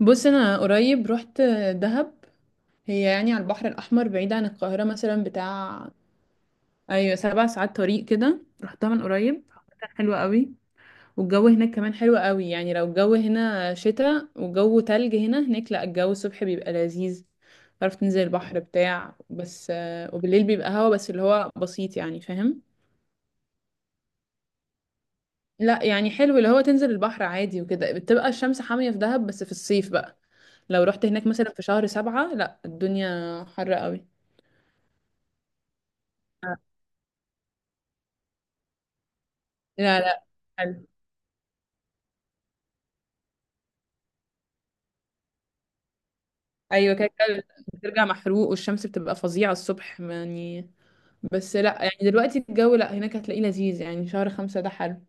بص انا قريب رحت دهب. هي يعني على البحر الاحمر، بعيد عن القاهره مثلا بتاع. ايوه، سبع ساعات طريق كده، رحتها من قريب. كانت حلوه قوي، والجو هناك كمان حلو قوي. يعني لو الجو هنا شتاء وجو تلج، هنا هناك لا، الجو الصبح بيبقى لذيذ، تعرف تنزل البحر بتاع، بس وبالليل بيبقى هوا بس اللي هو بسيط، يعني فاهم. لا يعني حلو، اللي هو تنزل البحر عادي، وكده بتبقى الشمس حامية في دهب، بس في الصيف بقى لو رحت هناك مثلا في شهر سبعة، لا الدنيا حر قوي. لا لا، حلو. ايوه كده كده، بترجع محروق، والشمس بتبقى فظيعه الصبح يعني. بس لا، يعني دلوقتي الجو لا، هناك هتلاقيه لذيذ، يعني شهر خمسة ده حلو.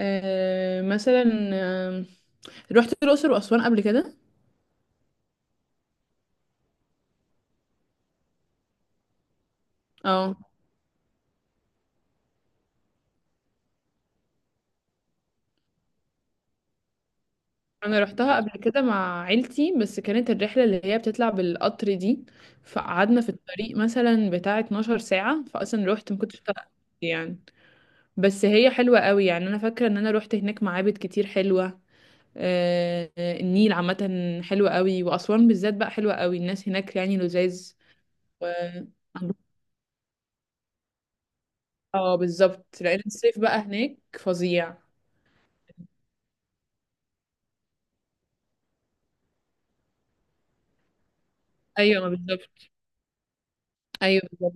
آه مثلا، آه، رحت الاقصر واسوان قبل كده. اه، انا رحتها قبل كده مع عيلتي، بس كانت الرحله اللي هي بتطلع بالقطر دي، فقعدنا في الطريق مثلا بتاع 12 ساعه، فاصلا رحت ما كنتش طايقة نفسي يعني. بس هي حلوه قوي يعني، انا فاكره ان انا رحت هناك معابد كتير حلوه. آه، النيل عامة حلوة قوي، وأسوان بالذات بقى حلوة قوي، الناس هناك يعني لذاذ. و... اه بالظبط، لأن الصيف بقى هناك فظيع. أيوة ما بالظبط. أيوة بالظبط.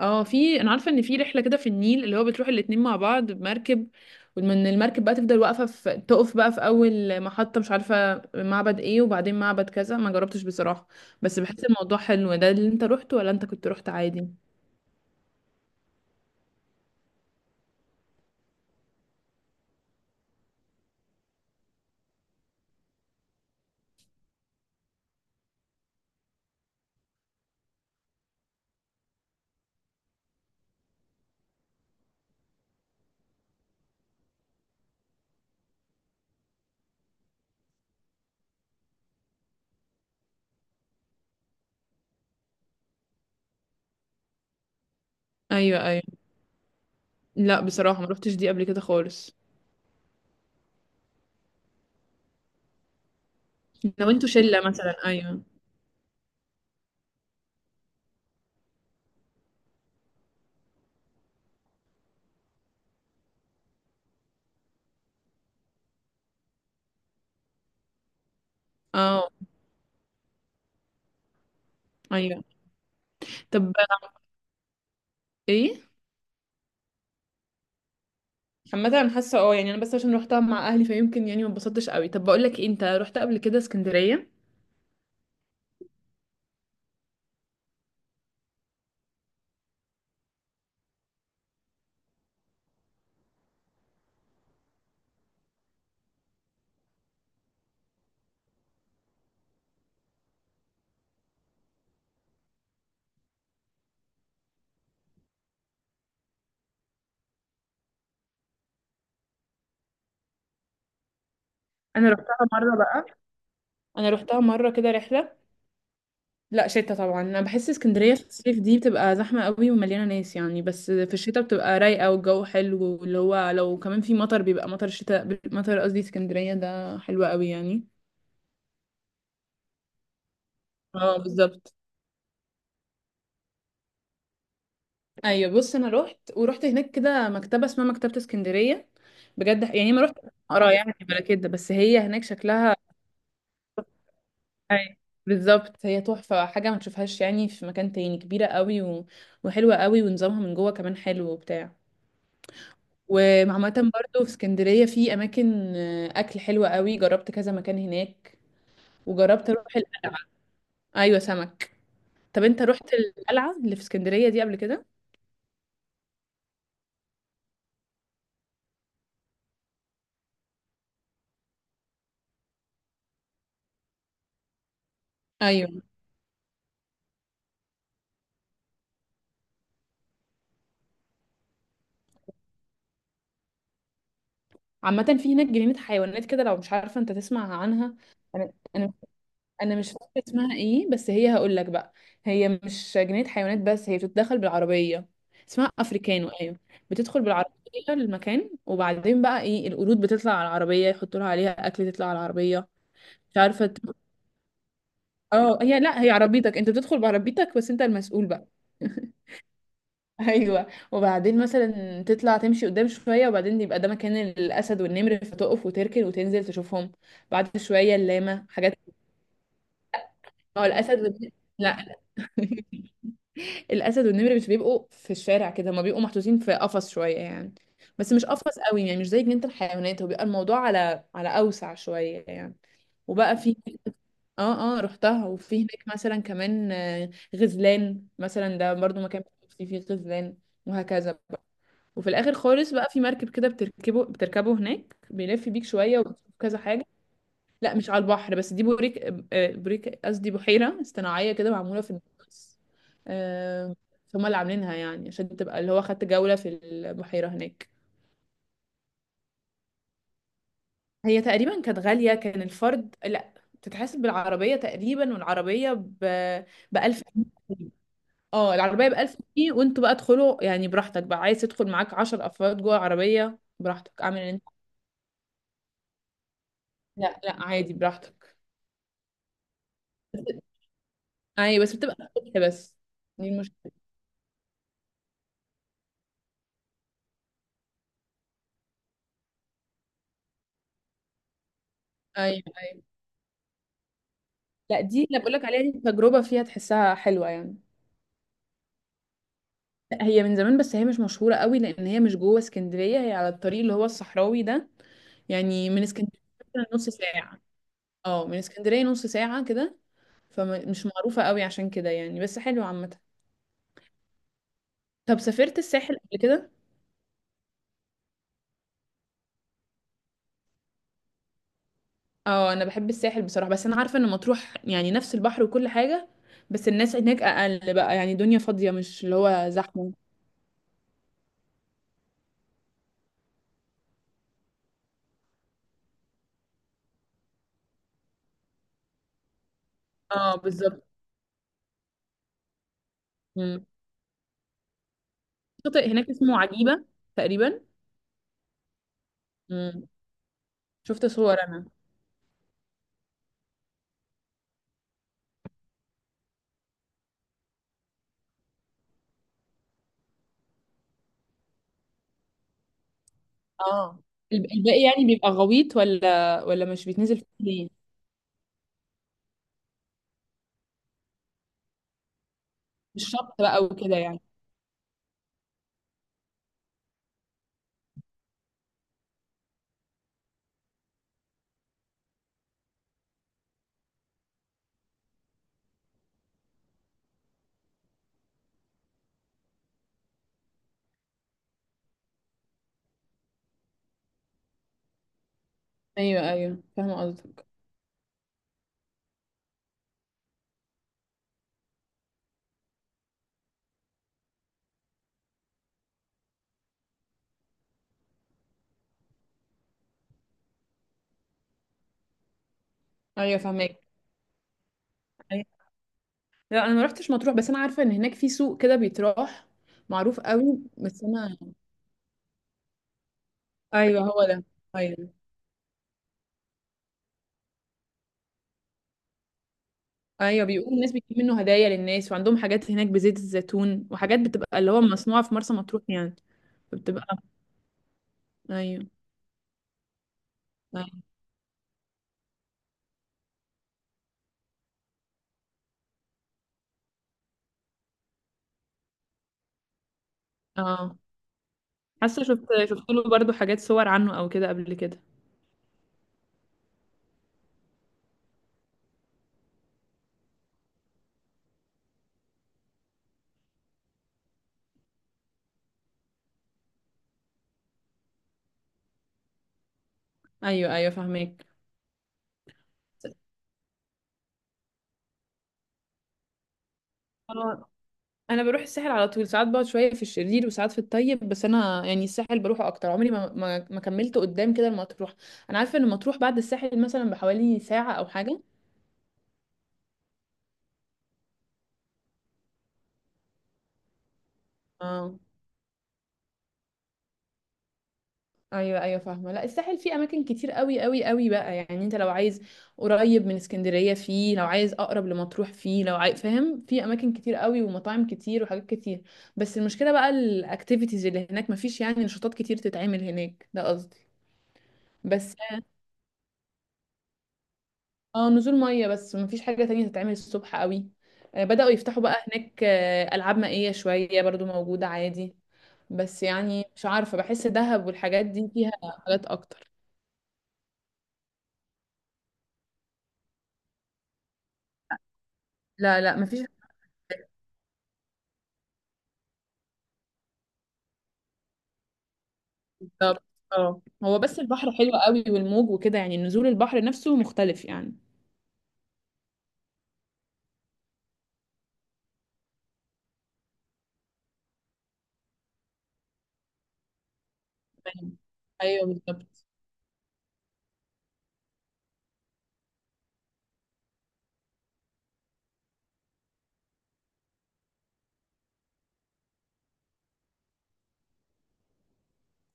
اه، في أنا عارفة إن في رحلة كده في النيل، اللي هو بتروح الاتنين مع بعض بمركب، ومن المركب بقى تفضل واقفة تقف بقى في أول محطة، مش عارفة معبد ايه، وبعدين معبد كذا، ما جربتش بصراحة. بس بحس الموضوع حلو ده، اللي انت روحته ولا انت كنت روحت عادي؟ ايوه ايوه. لا بصراحة ما روحتش دي قبل كده خالص. لو انتوا شله مثلا ايوه. اه ايوه. طب ايه؟ عامه انا حاسه اه، يعني انا بس عشان روحتها مع اهلي، فيمكن يعني ما اتبسطتش قوي. طب بقول لك ايه، انت رحت قبل كده اسكندريه؟ انا روحتها مره بقى. انا روحتها مره كده رحله. لا شتا طبعا، انا بحس اسكندريه في الصيف دي بتبقى زحمه قوي ومليانه ناس يعني، بس في الشتا بتبقى رايقه والجو حلو، واللي هو لو كمان في مطر، بيبقى مطر الشتاء، مطر قصدي اسكندريه ده حلو قوي يعني. اه بالظبط. ايوه بص انا رحت هناك كده مكتبه اسمها مكتبه اسكندريه، بجد. يعني ما رحت اقرا يعني ولا كده، بس هي هناك شكلها... أي. بالظبط، هي تحفه، حاجه ما تشوفهاش يعني في مكان تاني، كبيره قوي و... وحلوه قوي، ونظامها من جوه كمان حلو وبتاع. وعامه برضو في اسكندريه في اماكن اكل حلوه قوي، جربت كذا مكان هناك. وجربت اروح القلعه. ايوه سمك. طب انت رحت القلعه اللي في اسكندريه دي قبل كده؟ ايوه عامة، في هناك جنينة حيوانات كده لو مش عارفة، انت تسمع عنها. انا انا مش فاكرة اسمها ايه، بس هي هقول لك بقى. هي مش جنينة حيوانات، بس هي بتتدخل بالعربية، اسمها افريكانو ايوه. بتدخل بالعربية المكان، وبعدين بقى ايه، القرود بتطلع على العربية، يحطوا لها عليها اكل تطلع على العربية. مش عارفة ت- اه هي، لا هي عربيتك، انت بتدخل بعربيتك، بس انت المسؤول بقى. ايوه، وبعدين مثلا تطلع تمشي قدام شويه، وبعدين يبقى ده مكان الاسد والنمر، فتقف وتركن وتنزل تشوفهم، بعد شويه اللاما، حاجات. هو الاسد وال- لا. الاسد والنمر مش بيبقوا في الشارع كده، هما بيبقوا محطوطين في قفص شويه يعني، بس مش قفص قوي، يعني مش زي جنينه الحيوانات، هو بيبقى الموضوع على على اوسع شويه يعني. وبقى في... اه رحتها، وفي هناك مثلا كمان غزلان مثلا، ده برضو مكان فيه فيه غزلان وهكذا. وفي الاخر خالص بقى، في مركب كده بتركبه هناك، بيلف بيك شويه وبتشوف كذا حاجه. لا مش على البحر، بس دي بوريك، بوريك قصدي، بحيره صناعيه كده، معموله في النص. آه، فهم اللي عاملينها يعني، عشان تبقى اللي هو خدت جوله في البحيره هناك. هي تقريبا كانت غاليه، كان الفرد لا بتتحسب بالعربيه تقريبا، والعربيه ب 1000 جنيه. اه العربيه ب 1000 جنيه، وانتوا بقى ادخلوا يعني براحتك بقى، عايز تدخل معاك 10 افراد جوه العربيه براحتك، اعمل اللي... لا لا عادي، براحتك. ايوه بس بتبقى الصبح بس، دي المشكله. ايوه ايوه، لا دي اللي بقول لك عليها، دي تجربه فيها، تحسها حلوه يعني. لا، هي من زمان، بس هي مش مشهوره قوي، لان هي مش جوه اسكندريه، هي على الطريق اللي هو الصحراوي ده، يعني من اسكندريه مثلا نص ساعه. اه من اسكندريه نص ساعه كده، فمش معروفه قوي عشان كده يعني، بس حلوه عامه. طب سافرت الساحل قبل كده؟ اه انا بحب الساحل بصراحه، بس انا عارفه ان مطروح يعني نفس البحر وكل حاجه، بس الناس هناك اقل بقى، يعني دنيا فاضيه، مش اللي هو زحمه. اه بالظبط. مم. شاطئ هناك اسمه عجيبة تقريبا. مم. شفت صور انا. اه الب- الباقي يعني بيبقى غويط، ولا ولا مش بيتنزل فيه ليه؟ مش شط بقى وكده يعني. ايوه ايوه فاهمه قصدك. ايوه فاهمك. أيوة. لا انا ما رحتش مطروح، بس انا عارفه ان هناك في سوق كده بيتراح، معروف قوي، بس انا... ايوه هو ده. ايوه ايوه، بيقولوا الناس بتجيب منه هدايا للناس، وعندهم حاجات هناك بزيت الزيتون، وحاجات بتبقى اللي هو مصنوعه في مرسى مطروح يعني. بتبقى ايوه. أيوة. اه حاسه شفت، شفت له برضو حاجات، صور عنه او كده قبل كده. ايوه ايوه فاهمك. انا انا بروح الساحل على طول، ساعات بقعد شويه في الشرير، وساعات في الطيب، بس انا يعني الساحل بروحه اكتر، عمري ما ما كملت قدام كده المطروح. انا عارفه ان المطروح بعد الساحل مثلا بحوالي ساعه او حاجه. اه ايوه ايوه فاهمه. لا الساحل فيه اماكن كتير قوي قوي قوي بقى، يعني انت لو عايز قريب من اسكندريه فيه، لو عايز اقرب لمطروح فيه، لو عايز فاهم، في اماكن كتير قوي، ومطاعم كتير، وحاجات كتير. بس المشكله بقى، الاكتيفيتيز اللي هناك مفيش، يعني نشاطات كتير تتعمل هناك ده قصدي. بس اه، نزول ميه بس، مفيش حاجه تانية تتعمل الصبح قوي. بداوا يفتحوا بقى هناك العاب مائيه شويه برضو موجوده عادي، بس يعني مش عارفه، بحس دهب والحاجات دي فيها حاجات اكتر. لا لا مفيش. طب اه، هو بس البحر حلو قوي، والموج وكده، يعني نزول البحر نفسه مختلف يعني. أيوة. أيوة بالظبط.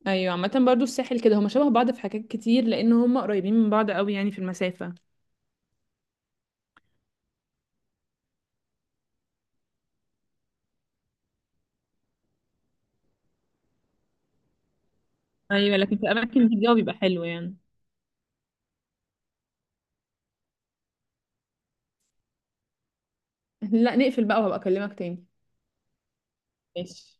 ايوه عامة برضو الساحل كده، هما شبه بعض في حاجات كتير، لان هما قريبين من بعض قوي يعني في المسافة. ايوه لكن في الاماكن دي الجو بيبقى حلو يعني. لا نقفل بقى، وهبقى اكلمك تاني. ماشي.